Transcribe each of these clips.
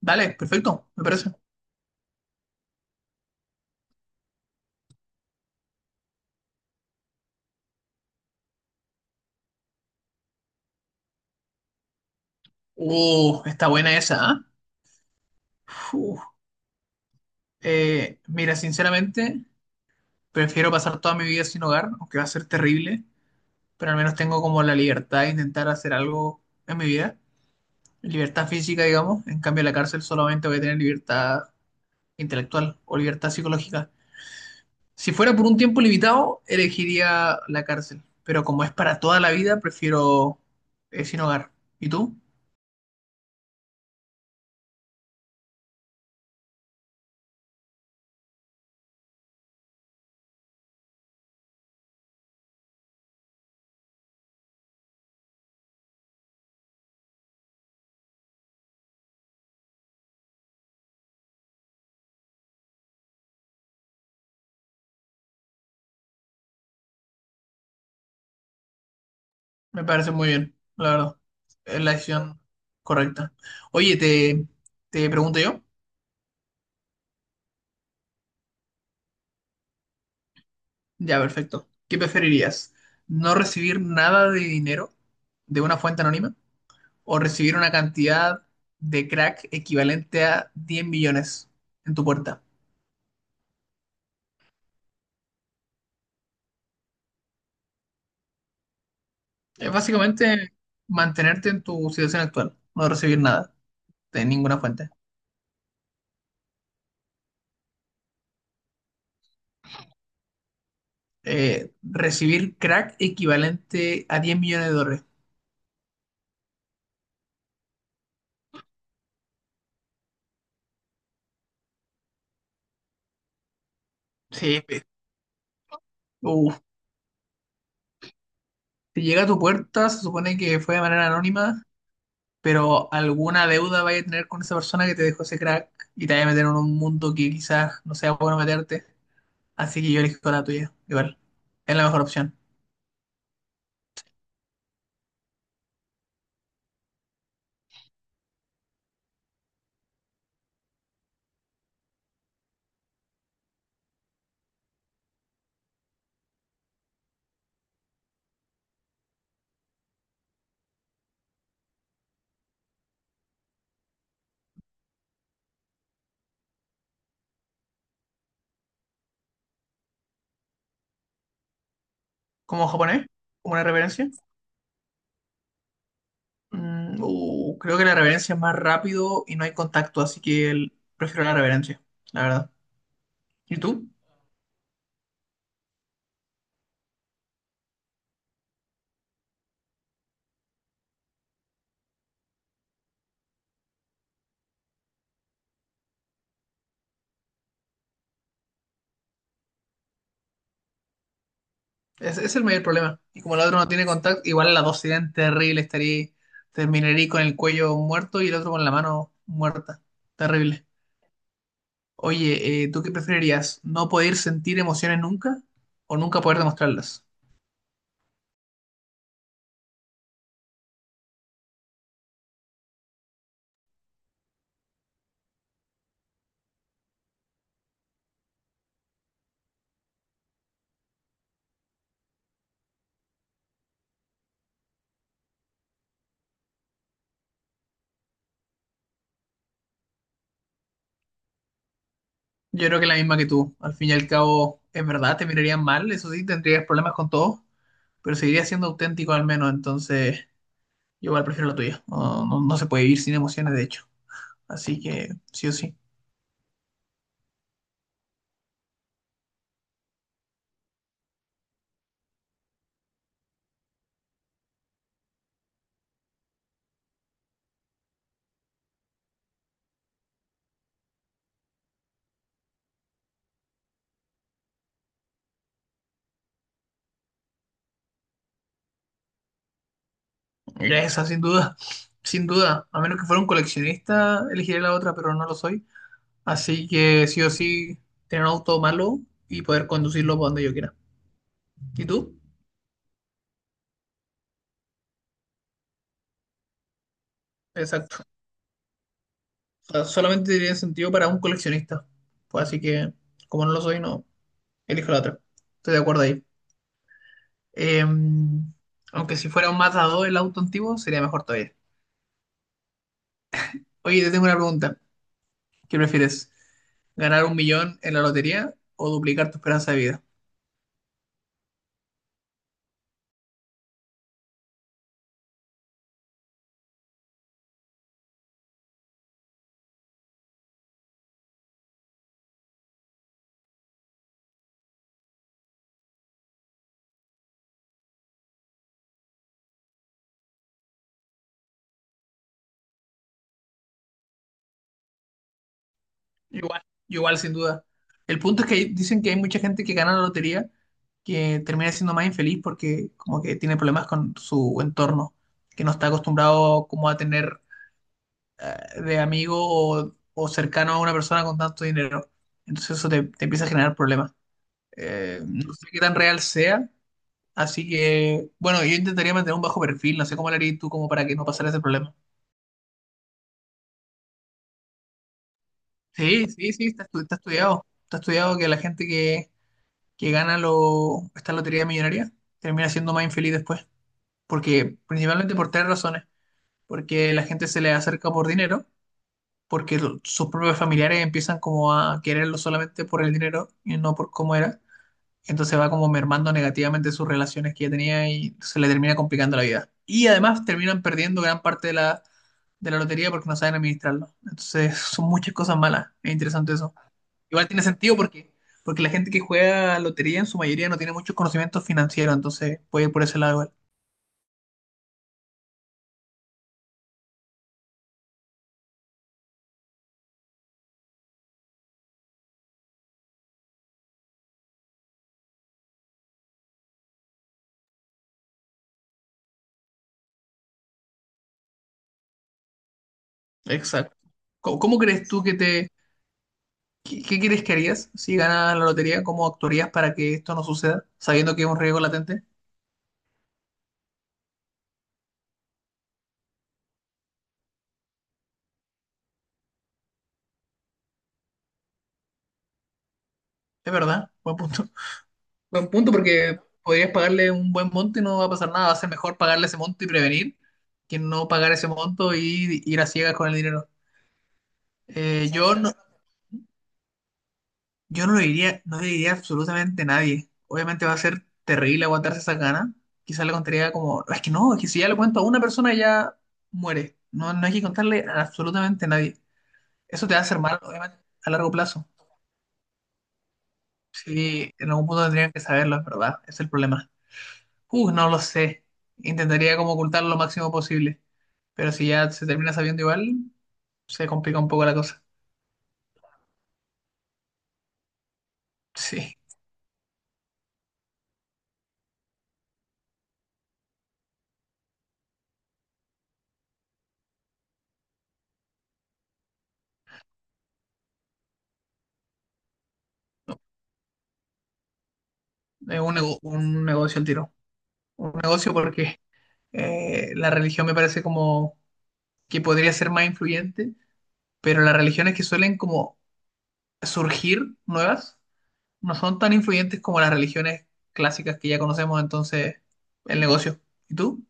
Dale, perfecto, me parece. Está buena esa, ¿ah? Uf. Mira, sinceramente, prefiero pasar toda mi vida sin hogar, aunque va a ser terrible, pero al menos tengo como la libertad de intentar hacer algo en mi vida. Libertad física, digamos. En cambio, en la cárcel solamente voy a tener libertad intelectual o libertad psicológica. Si fuera por un tiempo limitado, elegiría la cárcel, pero como es para toda la vida, prefiero sin hogar. ¿Y tú? Me parece muy bien, la verdad. Es la decisión correcta. Oye, te pregunto yo. Ya, perfecto. ¿Qué preferirías? ¿No recibir nada de dinero de una fuente anónima o recibir una cantidad de crack equivalente a 10 millones en tu puerta? Es básicamente mantenerte en tu situación actual, no recibir nada de ninguna fuente. Recibir crack equivalente a $10 millones. Sí, pe- uh, Si llega a tu puerta, se supone que fue de manera anónima, pero alguna deuda vaya a tener con esa persona que te dejó ese crack y te vaya a meter en un mundo que quizás no sea bueno meterte. Así que yo elijo la tuya, igual. Es la mejor opción. ¿Como japonés? ¿Como una reverencia? Creo que la reverencia es más rápido y no hay contacto, así que prefiero la reverencia, la verdad. ¿Y tú? Ese es el mayor problema. Y como el otro no tiene contacto, igual las dos serían terribles. Estaría, terminaría con el cuello muerto y el otro con la mano muerta. Terrible. Oye, ¿tú qué preferirías? ¿No poder sentir emociones nunca o nunca poder demostrarlas? Yo creo que la misma que tú. Al fin y al cabo, es verdad, te mirarían mal, eso sí, tendrías problemas con todo, pero seguirías siendo auténtico al menos. Entonces, yo igual prefiero la tuya. No, no, no se puede vivir sin emociones, de hecho. Así que, sí o sí. Esa, sin duda, sin duda. A menos que fuera un coleccionista, elegiría la otra, pero no lo soy. Así que sí o sí, tener un auto malo y poder conducirlo por donde yo quiera. ¿Y tú? Exacto. O sea, solamente tiene sentido para un coleccionista. Pues así que, como no lo soy, no, elijo la otra. Estoy de acuerdo ahí. Eh, Aunque si fuera un Mazda 2 el auto antiguo, sería mejor todavía. Oye, te tengo una pregunta. ¿Qué prefieres? ¿Ganar 1 millón en la lotería o duplicar tu esperanza de vida? Igual, igual, sin duda. El punto es que dicen que hay mucha gente que gana la lotería que termina siendo más infeliz porque como que tiene problemas con su entorno, que no está acostumbrado como a tener de amigo o cercano a una persona con tanto dinero. Entonces eso te empieza a generar problemas. No sé qué tan real sea, así que bueno, yo intentaría mantener un bajo perfil, no sé cómo lo harías tú como para que no pasara ese problema. Sí, sí, sí, está estudiado. Está estudiado que la gente que gana esta lotería millonaria termina siendo más infeliz después. Porque, principalmente por 3 razones. Porque la gente se le acerca por dinero, porque sus propios familiares empiezan como a quererlo solamente por el dinero y no por cómo era. Entonces va como mermando negativamente sus relaciones que ya tenía y se le termina complicando la vida. Y además terminan perdiendo gran parte de de la lotería porque no saben administrarlo. Entonces son muchas cosas malas. Es interesante eso. Igual tiene sentido porque, porque la gente que juega lotería en su mayoría no tiene muchos conocimientos financieros, entonces puede ir por ese lado igual. Exacto. ¿Cómo crees tú que te... ¿Qué crees que harías si ganas la lotería? ¿Cómo actuarías para que esto no suceda, sabiendo que es un riesgo latente? Es verdad, buen punto. Buen punto porque podrías pagarle un buen monto y no va a pasar nada. Va a ser mejor pagarle ese monto y prevenir que no pagar ese monto y ir a ciegas con el dinero. Eh, yo no, Yo no lo diría, no le diría absolutamente a nadie. Obviamente va a ser terrible aguantarse esa gana. Quizás le contaría como, es que no, es que si ya le cuento a una persona ya muere. No, no hay que contarle a absolutamente nadie. Eso te va a hacer mal, obviamente, a largo plazo. Sí, en algún punto tendrían que saberlo, es verdad. Es el problema. No lo sé. Intentaría como ocultarlo lo máximo posible. Pero si ya se termina sabiendo igual, se complica un poco la cosa. Sí, es un, un negocio el tiro. Un negocio porque la religión me parece como que podría ser más influyente, pero las religiones que suelen como surgir nuevas no son tan influyentes como las religiones clásicas que ya conocemos, entonces el negocio. ¿Y tú?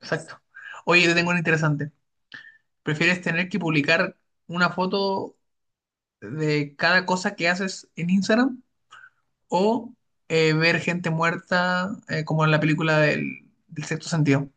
Exacto. Oye, te tengo una interesante. ¿Prefieres tener que publicar una foto de cada cosa que haces en Instagram o ver gente muerta como en la película del sexto sentido?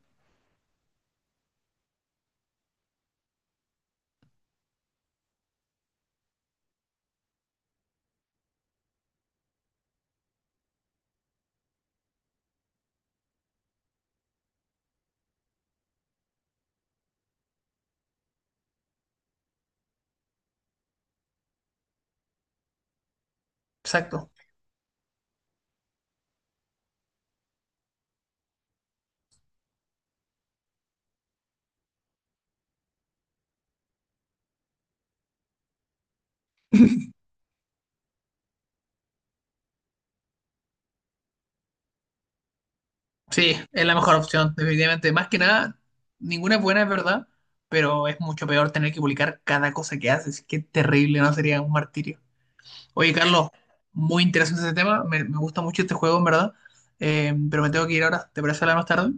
Exacto. Sí, es la mejor opción, definitivamente. Más que nada, ninguna es buena, es verdad, pero es mucho peor tener que publicar cada cosa que haces. Qué terrible, ¿no? Sería un martirio. Oye, Carlos, muy interesante ese tema. Me gusta mucho este juego, en verdad. Pero me tengo que ir ahora. ¿Te parece hablar más tarde?